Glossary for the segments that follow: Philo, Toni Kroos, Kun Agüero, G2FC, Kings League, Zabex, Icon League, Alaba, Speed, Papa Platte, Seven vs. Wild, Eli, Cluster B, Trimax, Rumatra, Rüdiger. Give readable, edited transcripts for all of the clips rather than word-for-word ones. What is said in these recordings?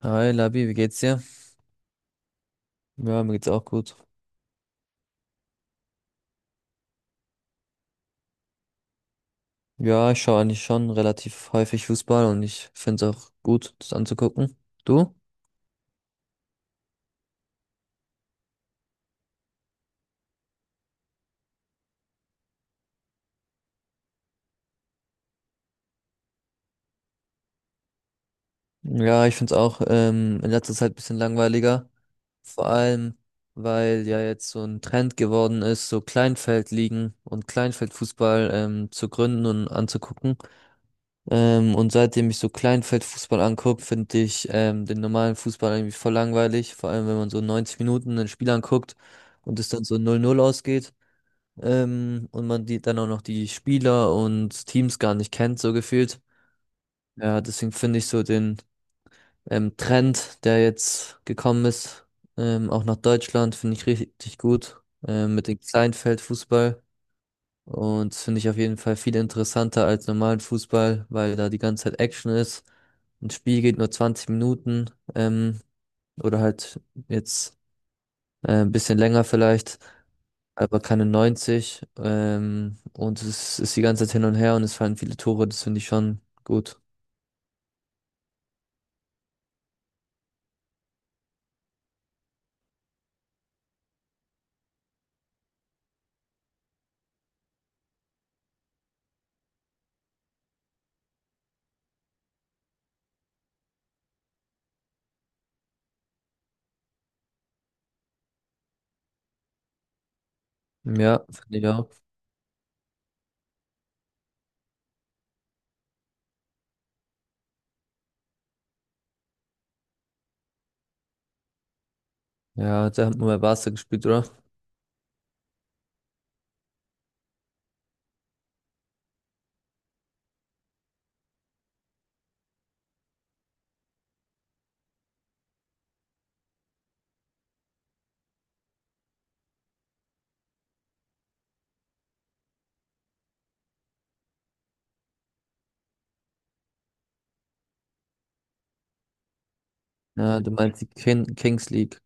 Hi Labi, wie geht's dir? Ja, mir geht's auch gut. Ja, ich schaue eigentlich schon relativ häufig Fußball und ich find's auch gut, das anzugucken. Du? Ja, ich find's auch in letzter Zeit ein bisschen langweiliger. Vor allem, weil ja jetzt so ein Trend geworden ist, so Kleinfeldligen und Kleinfeldfußball zu gründen und anzugucken. Und seitdem ich so Kleinfeldfußball anguck, finde ich den normalen Fußball irgendwie voll langweilig. Vor allem, wenn man so 90 Minuten ein Spiel anguckt und es dann so 0-0 ausgeht. Und man die dann auch noch die Spieler und Teams gar nicht kennt, so gefühlt. Ja, deswegen finde ich so den Trend, der jetzt gekommen ist, auch nach Deutschland, finde ich richtig gut, mit dem Kleinfeldfußball. Und das finde ich auf jeden Fall viel interessanter als normalen Fußball, weil da die ganze Zeit Action ist. Ein Spiel geht nur 20 Minuten, oder halt jetzt ein bisschen länger vielleicht. Aber keine 90. Und es ist die ganze Zeit hin und her und es fallen viele Tore. Das finde ich schon gut. Ja, finde ich auch. Ja, der hat nur bei Barca gespielt, oder? Ja, du meinst die Kings League.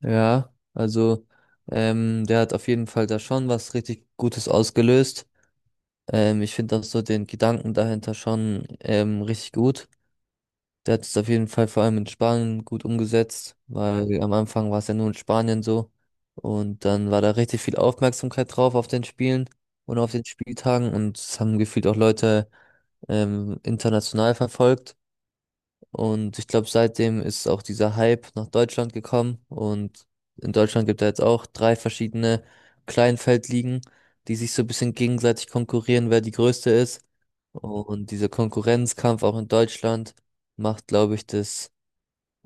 Ja, also der hat auf jeden Fall da schon was richtig Gutes ausgelöst. Ich finde auch so den Gedanken dahinter schon richtig gut. Der hat es auf jeden Fall vor allem in Spanien gut umgesetzt, weil am Anfang war es ja nur in Spanien so. Und dann war da richtig viel Aufmerksamkeit drauf auf den Spielen und auf den Spieltagen. Und es haben gefühlt auch Leute international verfolgt. Und ich glaube, seitdem ist auch dieser Hype nach Deutschland gekommen. Und in Deutschland gibt es jetzt auch drei verschiedene Kleinfeldligen, die sich so ein bisschen gegenseitig konkurrieren, wer die größte ist. Und dieser Konkurrenzkampf auch in Deutschland macht, glaube ich, das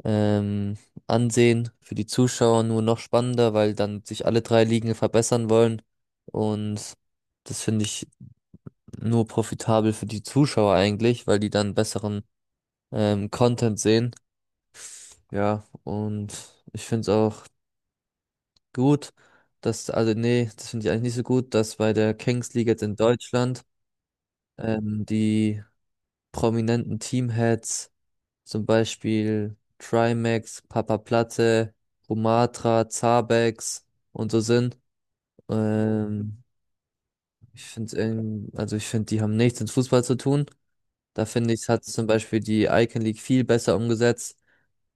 ähm, ansehen. Für die Zuschauer nur noch spannender, weil dann sich alle drei Ligen verbessern wollen. Und das finde ich nur profitabel für die Zuschauer eigentlich, weil die dann besseren Content sehen. Ja, und ich finde es auch gut, dass, also nee, das finde ich eigentlich nicht so gut, dass bei der Kings League jetzt in Deutschland die prominenten Teamheads zum Beispiel Trimax, Papa Platte, Rumatra, Zabex und so sind. Ähm, ich finde, also ich finde, die haben nichts mit Fußball zu tun. Da finde ich, hat zum Beispiel die Icon League viel besser umgesetzt.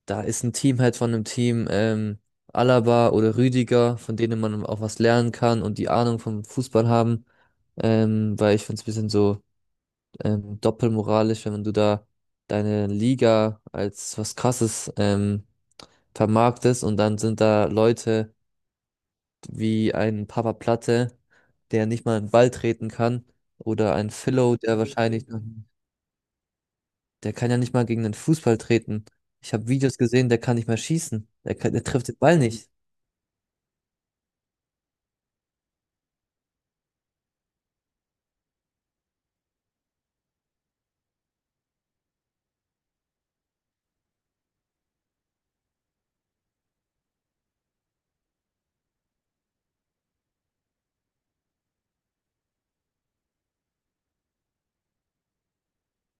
Da ist ein Teamhead von einem Team, Alaba oder Rüdiger, von denen man auch was lernen kann und die Ahnung vom Fußball haben. Weil ich finde es ein bisschen so doppelmoralisch, wenn du da deine Liga als was Krasses vermarkt es und dann sind da Leute wie ein Papa Platte, der nicht mal einen Ball treten kann, oder ein Philo, der wahrscheinlich noch, der kann ja nicht mal gegen den Fußball treten. Ich habe Videos gesehen, der kann nicht mal schießen. Der kann, der trifft den Ball nicht.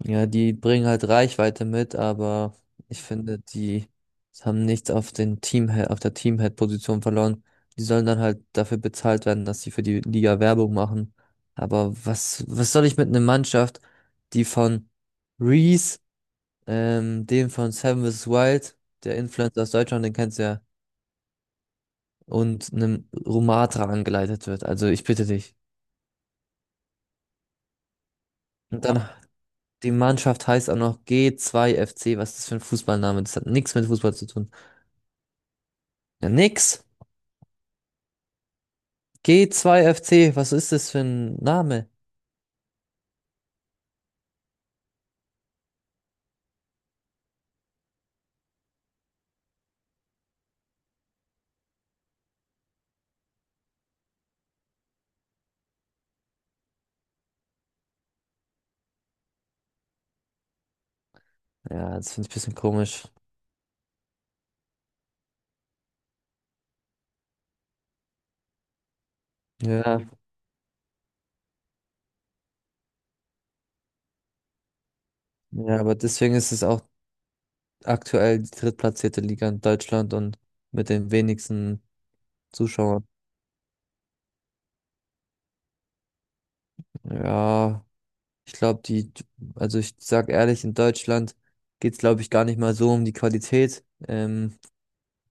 Ja, die bringen halt Reichweite mit, aber ich finde, die haben nichts auf den Teamhead, auf der Teamhead-Position verloren. Die sollen dann halt dafür bezahlt werden, dass sie für die Liga Werbung machen. Aber was soll ich mit einer Mannschaft, die von Reese, dem von Seven vs. Wild, der Influencer aus Deutschland, den kennst du ja, und einem Rumatra angeleitet wird? Also ich bitte dich. Und ja, dann die Mannschaft heißt auch noch G2FC. Was ist das für ein Fußballname? Das hat nichts mit Fußball zu tun. Ja, nix. G2FC, was ist das für ein Name? Ja, das finde ich ein bisschen komisch. Ja, ja, aber deswegen ist es auch aktuell die drittplatzierte Liga in Deutschland und mit den wenigsten Zuschauern. Ja, ich glaube, also ich sag ehrlich, in Deutschland geht's glaube ich, gar nicht mal so um die Qualität. Ähm,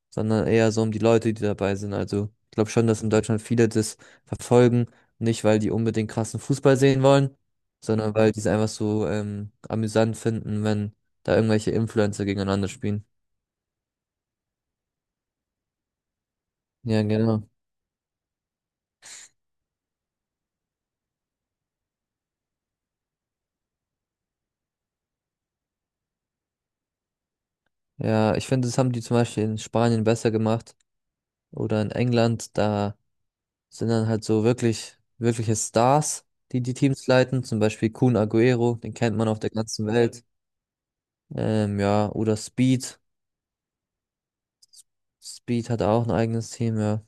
sondern eher so um die Leute, die dabei sind. Also ich glaube schon, dass in Deutschland viele das verfolgen, nicht weil die unbedingt krassen Fußball sehen wollen, sondern weil die es einfach so amüsant finden, wenn da irgendwelche Influencer gegeneinander spielen. Ja, genau. Ja, ich finde, das haben die zum Beispiel in Spanien besser gemacht oder in England. Da sind dann halt so wirkliche Stars, die die Teams leiten. Zum Beispiel Kun Agüero, den kennt man auf der ganzen Welt. Ja, oder Speed. Speed hat auch ein eigenes Team, ja.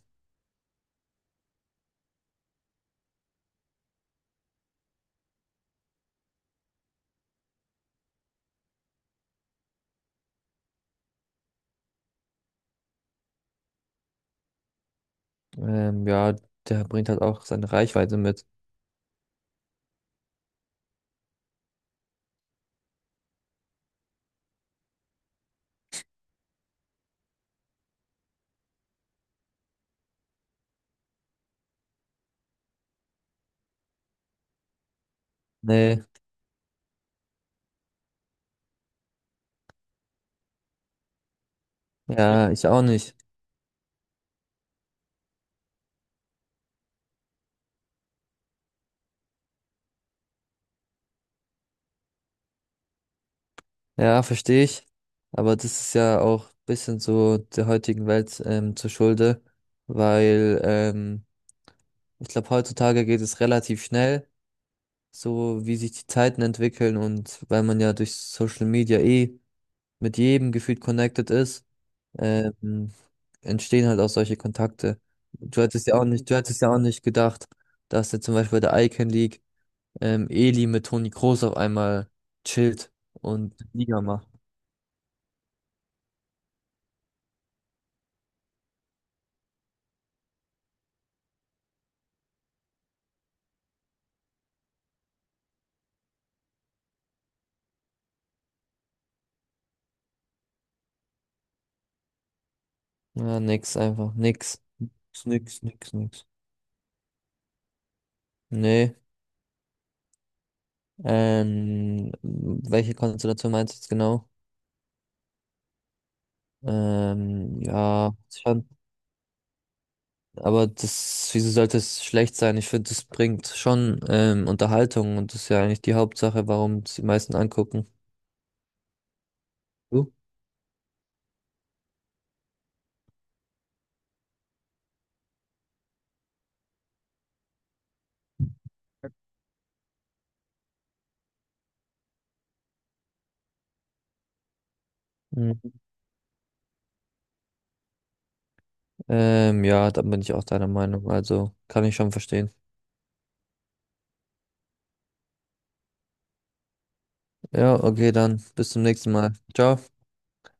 Ja, der bringt halt auch seine Reichweite mit. Nee, ja, ich auch nicht. Ja, verstehe ich. Aber das ist ja auch ein bisschen so der heutigen Welt zur Schulde, weil ich glaube, heutzutage geht es relativ schnell, so wie sich die Zeiten entwickeln und weil man ja durch Social Media eh mit jedem gefühlt connected ist, ähm, entstehen halt auch solche Kontakte. Du hattest ja auch nicht, du hattest ja auch nicht gedacht, dass jetzt zum Beispiel bei der Icon League Eli mit Toni Kroos auf einmal chillt und Liga macht. Ja, nix, einfach nix. Ist nix, nix, nix. Nee. Welche Konstellation meinst du jetzt genau? Ja, schon, aber das, wieso sollte es schlecht sein? Ich finde, das bringt schon Unterhaltung und das ist ja eigentlich die Hauptsache, warum es die meisten angucken. Du? Mhm. Ja, da bin ich auch deiner Meinung, also kann ich schon verstehen. Ja, okay, dann bis zum nächsten Mal. Ciao.